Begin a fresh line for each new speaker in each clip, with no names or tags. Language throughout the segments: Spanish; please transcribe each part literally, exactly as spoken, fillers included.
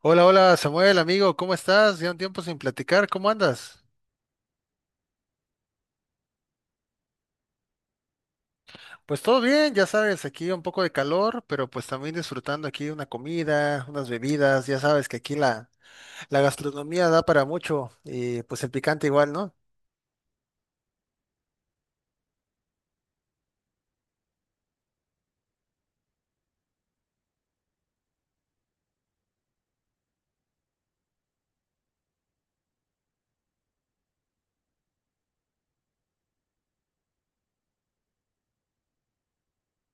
Hola, hola Samuel, amigo, ¿cómo estás? Ya un tiempo sin platicar, ¿cómo andas? Pues todo bien, ya sabes, aquí un poco de calor, pero pues también disfrutando aquí una comida, unas bebidas, ya sabes que aquí la, la gastronomía da para mucho y pues el picante igual, ¿no?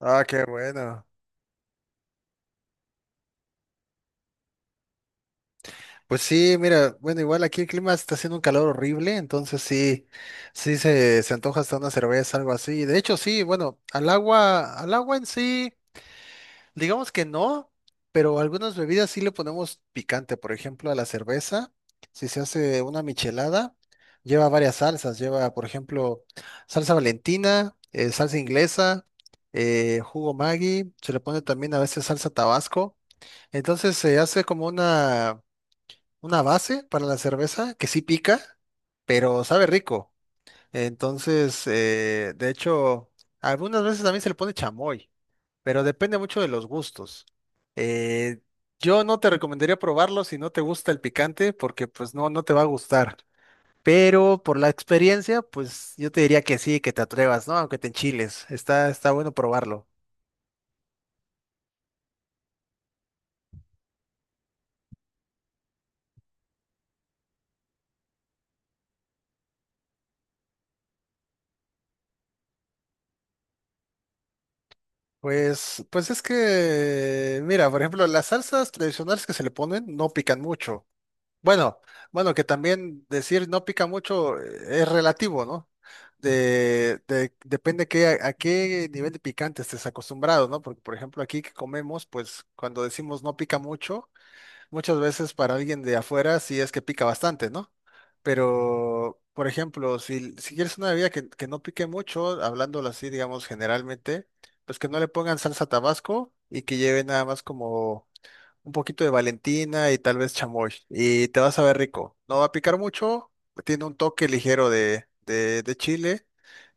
Ah, qué bueno. Pues sí, mira, bueno, igual aquí el clima está haciendo un calor horrible, entonces sí, sí se, se antoja hasta una cerveza, algo así. De hecho, sí, bueno, al agua, al agua en sí. Digamos que no, pero algunas bebidas sí le ponemos picante. Por ejemplo, a la cerveza, si se hace una michelada, lleva varias salsas. Lleva, por ejemplo, salsa Valentina, eh, salsa inglesa, eh, jugo Maggi. Se le pone también a veces salsa Tabasco. Entonces se hace como una, una base para la cerveza que sí pica, pero sabe rico. Entonces, eh, de hecho, algunas veces también se le pone chamoy, pero depende mucho de los gustos. Eh, yo no te recomendaría probarlo si no te gusta el picante, porque pues no, no te va a gustar. Pero por la experiencia, pues yo te diría que sí, que te atrevas, ¿no? Aunque te enchiles, está, está bueno probarlo. Pues, pues es que, mira, por ejemplo, las salsas tradicionales que se le ponen no pican mucho. Bueno, bueno, que también decir no pica mucho, eh, es relativo, ¿no? De, de- depende qué, a, a qué nivel de picante estés acostumbrado, ¿no? Porque, por ejemplo, aquí que comemos, pues cuando decimos no pica mucho, muchas veces para alguien de afuera sí es que pica bastante, ¿no? Pero, por ejemplo, si, si quieres una bebida que, que no pique mucho, hablándolo así, digamos, generalmente, pues que no le pongan salsa Tabasco y que lleve nada más como un poquito de Valentina y tal vez chamoy. Y te vas a ver rico. No va a picar mucho, tiene un toque ligero de, de, de chile,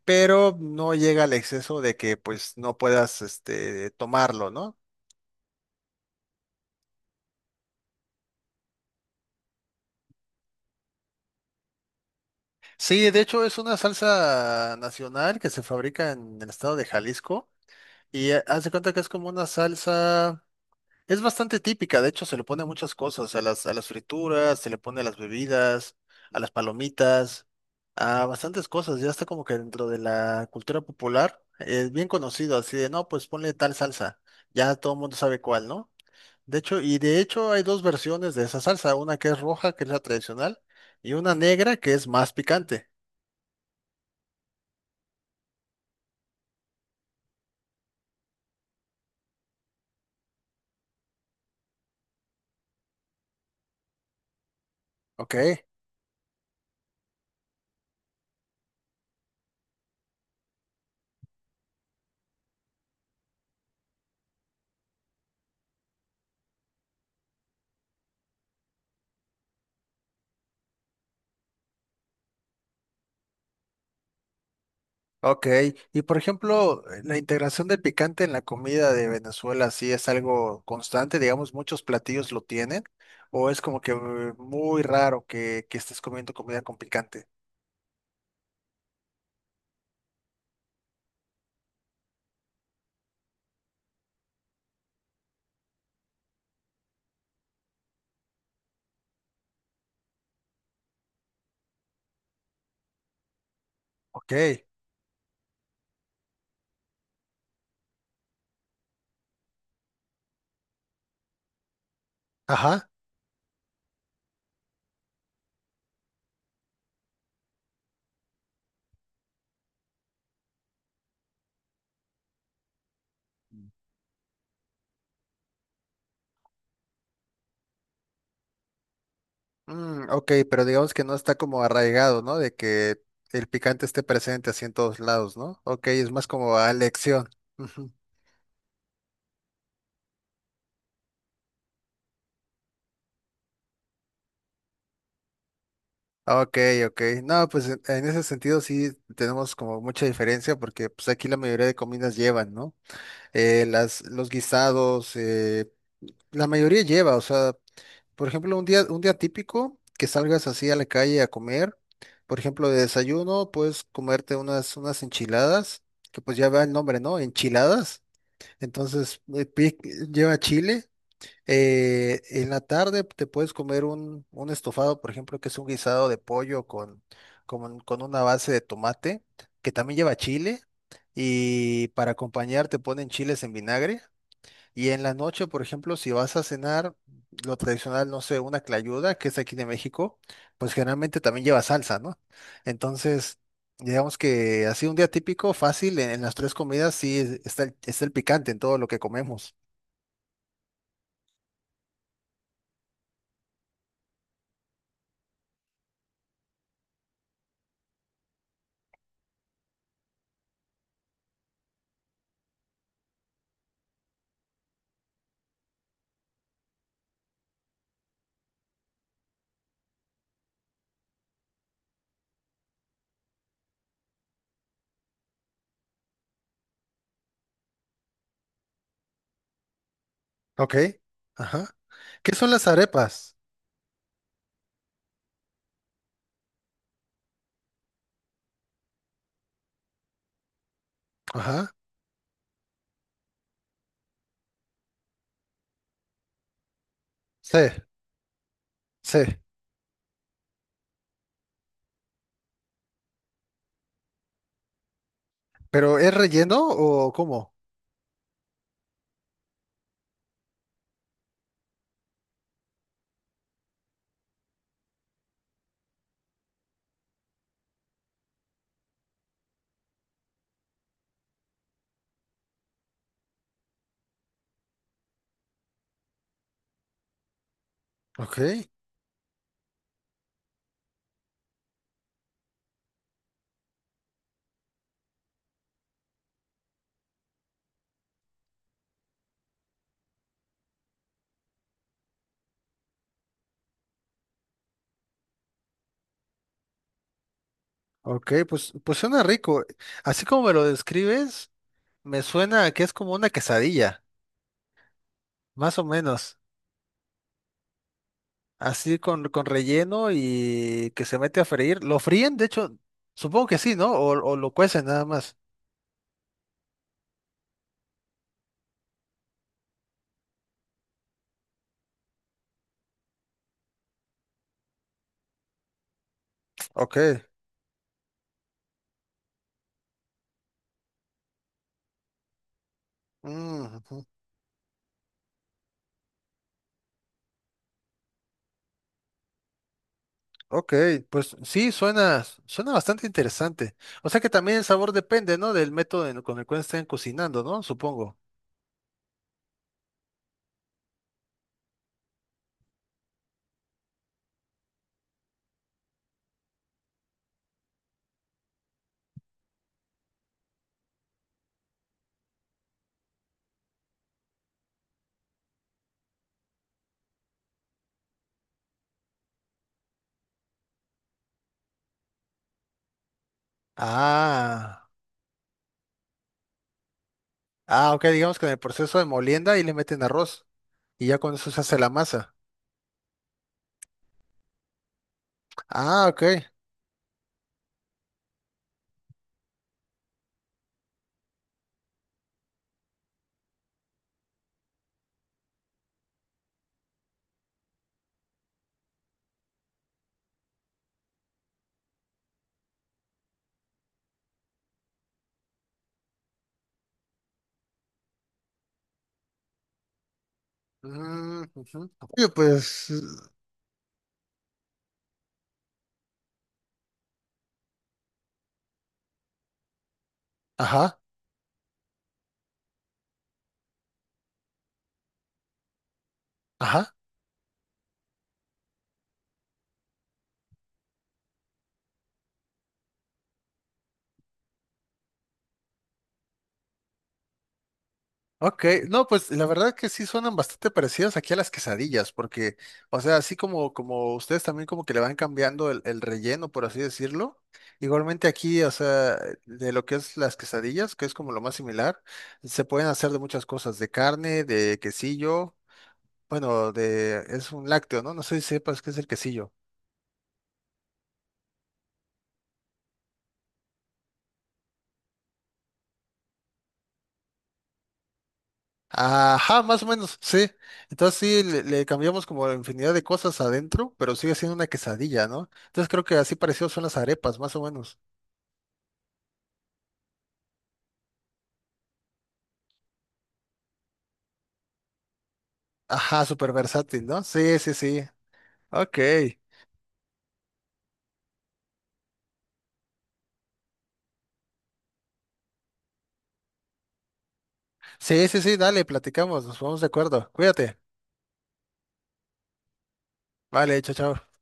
pero no llega al exceso de que pues no puedas este, tomarlo, ¿no? Sí, de hecho es una salsa nacional que se fabrica en el estado de Jalisco y eh, haz de cuenta que es como una salsa. Es bastante típica, de hecho se le pone a muchas cosas, a las, a las frituras, se le pone a las bebidas, a las palomitas, a bastantes cosas, ya está como que dentro de la cultura popular, es bien conocido, así de, no, pues ponle tal salsa, ya todo el mundo sabe cuál, ¿no? De hecho, y de hecho hay dos versiones de esa salsa, una que es roja, que es la tradicional, y una negra, que es más picante, ¿ok? Ok, y por ejemplo, la integración del picante en la comida de Venezuela, ¿sí es algo constante? Digamos, muchos platillos lo tienen, o es como que eh, muy raro que, que estés comiendo comida con picante. Ok, ajá. Mm, ok, pero digamos que no está como arraigado, ¿no? De que el picante esté presente así en todos lados, ¿no? Ok, es más como a elección. Ujú. Ok, ok. No, pues en en ese sentido sí tenemos como mucha diferencia, porque pues aquí la mayoría de comidas llevan, ¿no? eh, las, los guisados, eh, la mayoría lleva, o sea, por ejemplo, un día, un día típico que salgas así a la calle a comer, por ejemplo, de desayuno, puedes comerte unas, unas enchiladas, que pues ya va el nombre, ¿no? Enchiladas. Entonces, eh, pi- lleva chile. Eh, en la tarde te puedes comer un, un estofado, por ejemplo, que es un guisado de pollo con, con, con una base de tomate, que también lleva chile. Y para acompañar te ponen chiles en vinagre. Y en la noche, por ejemplo, si vas a cenar, lo tradicional, no sé, una clayuda, que es aquí de México, pues generalmente también lleva salsa, ¿no? Entonces, digamos que así un día típico, fácil, en, en las tres comidas sí es- está el, está el picante en todo lo que comemos. Ok. Ajá. ¿Qué son las arepas? Ajá. Sí, sí. ¿Pero es relleno o cómo? Ok, ok, pues, pues suena rico. Así como me lo describes, me suena a que es como una quesadilla, más o menos. Así con, con relleno y que se mete a freír. ¿Lo fríen? De hecho, supongo que sí, ¿no? O, o lo cuecen nada más. Ok. Mm, ujú. Ok, pues sí, suena, suena bastante interesante. O sea que también el sabor depende, ¿no? Del método en- con el cual estén cocinando, ¿no? Supongo. Ah, ah, ok, digamos que en el proceso de molienda ahí le meten arroz y ya con eso se hace la masa. Ah, ok. Mm, ujú. Oye, pues, ajá, ajá. Ok, no, pues la verdad que sí suenan bastante parecidas aquí a las quesadillas, porque, o sea, así como, como ustedes también como que le van cambiando el, el relleno, por así decirlo, igualmente aquí, o sea, de lo que es las quesadillas, que es como lo más similar, se pueden hacer de muchas cosas, de carne, de quesillo, bueno, de, es un lácteo, ¿no? No sé si sepas qué es el quesillo. Ajá, más o menos, sí. Entonces sí, le, le cambiamos como infinidad de cosas adentro, pero sigue siendo una quesadilla, ¿no? Entonces creo que así parecido son las arepas, más o menos. Ajá, súper versátil, ¿no? Sí, sí, sí. Ok. Sí, sí, sí, dale, platicamos, nos vamos de acuerdo. Cuídate. Vale, chao, chao.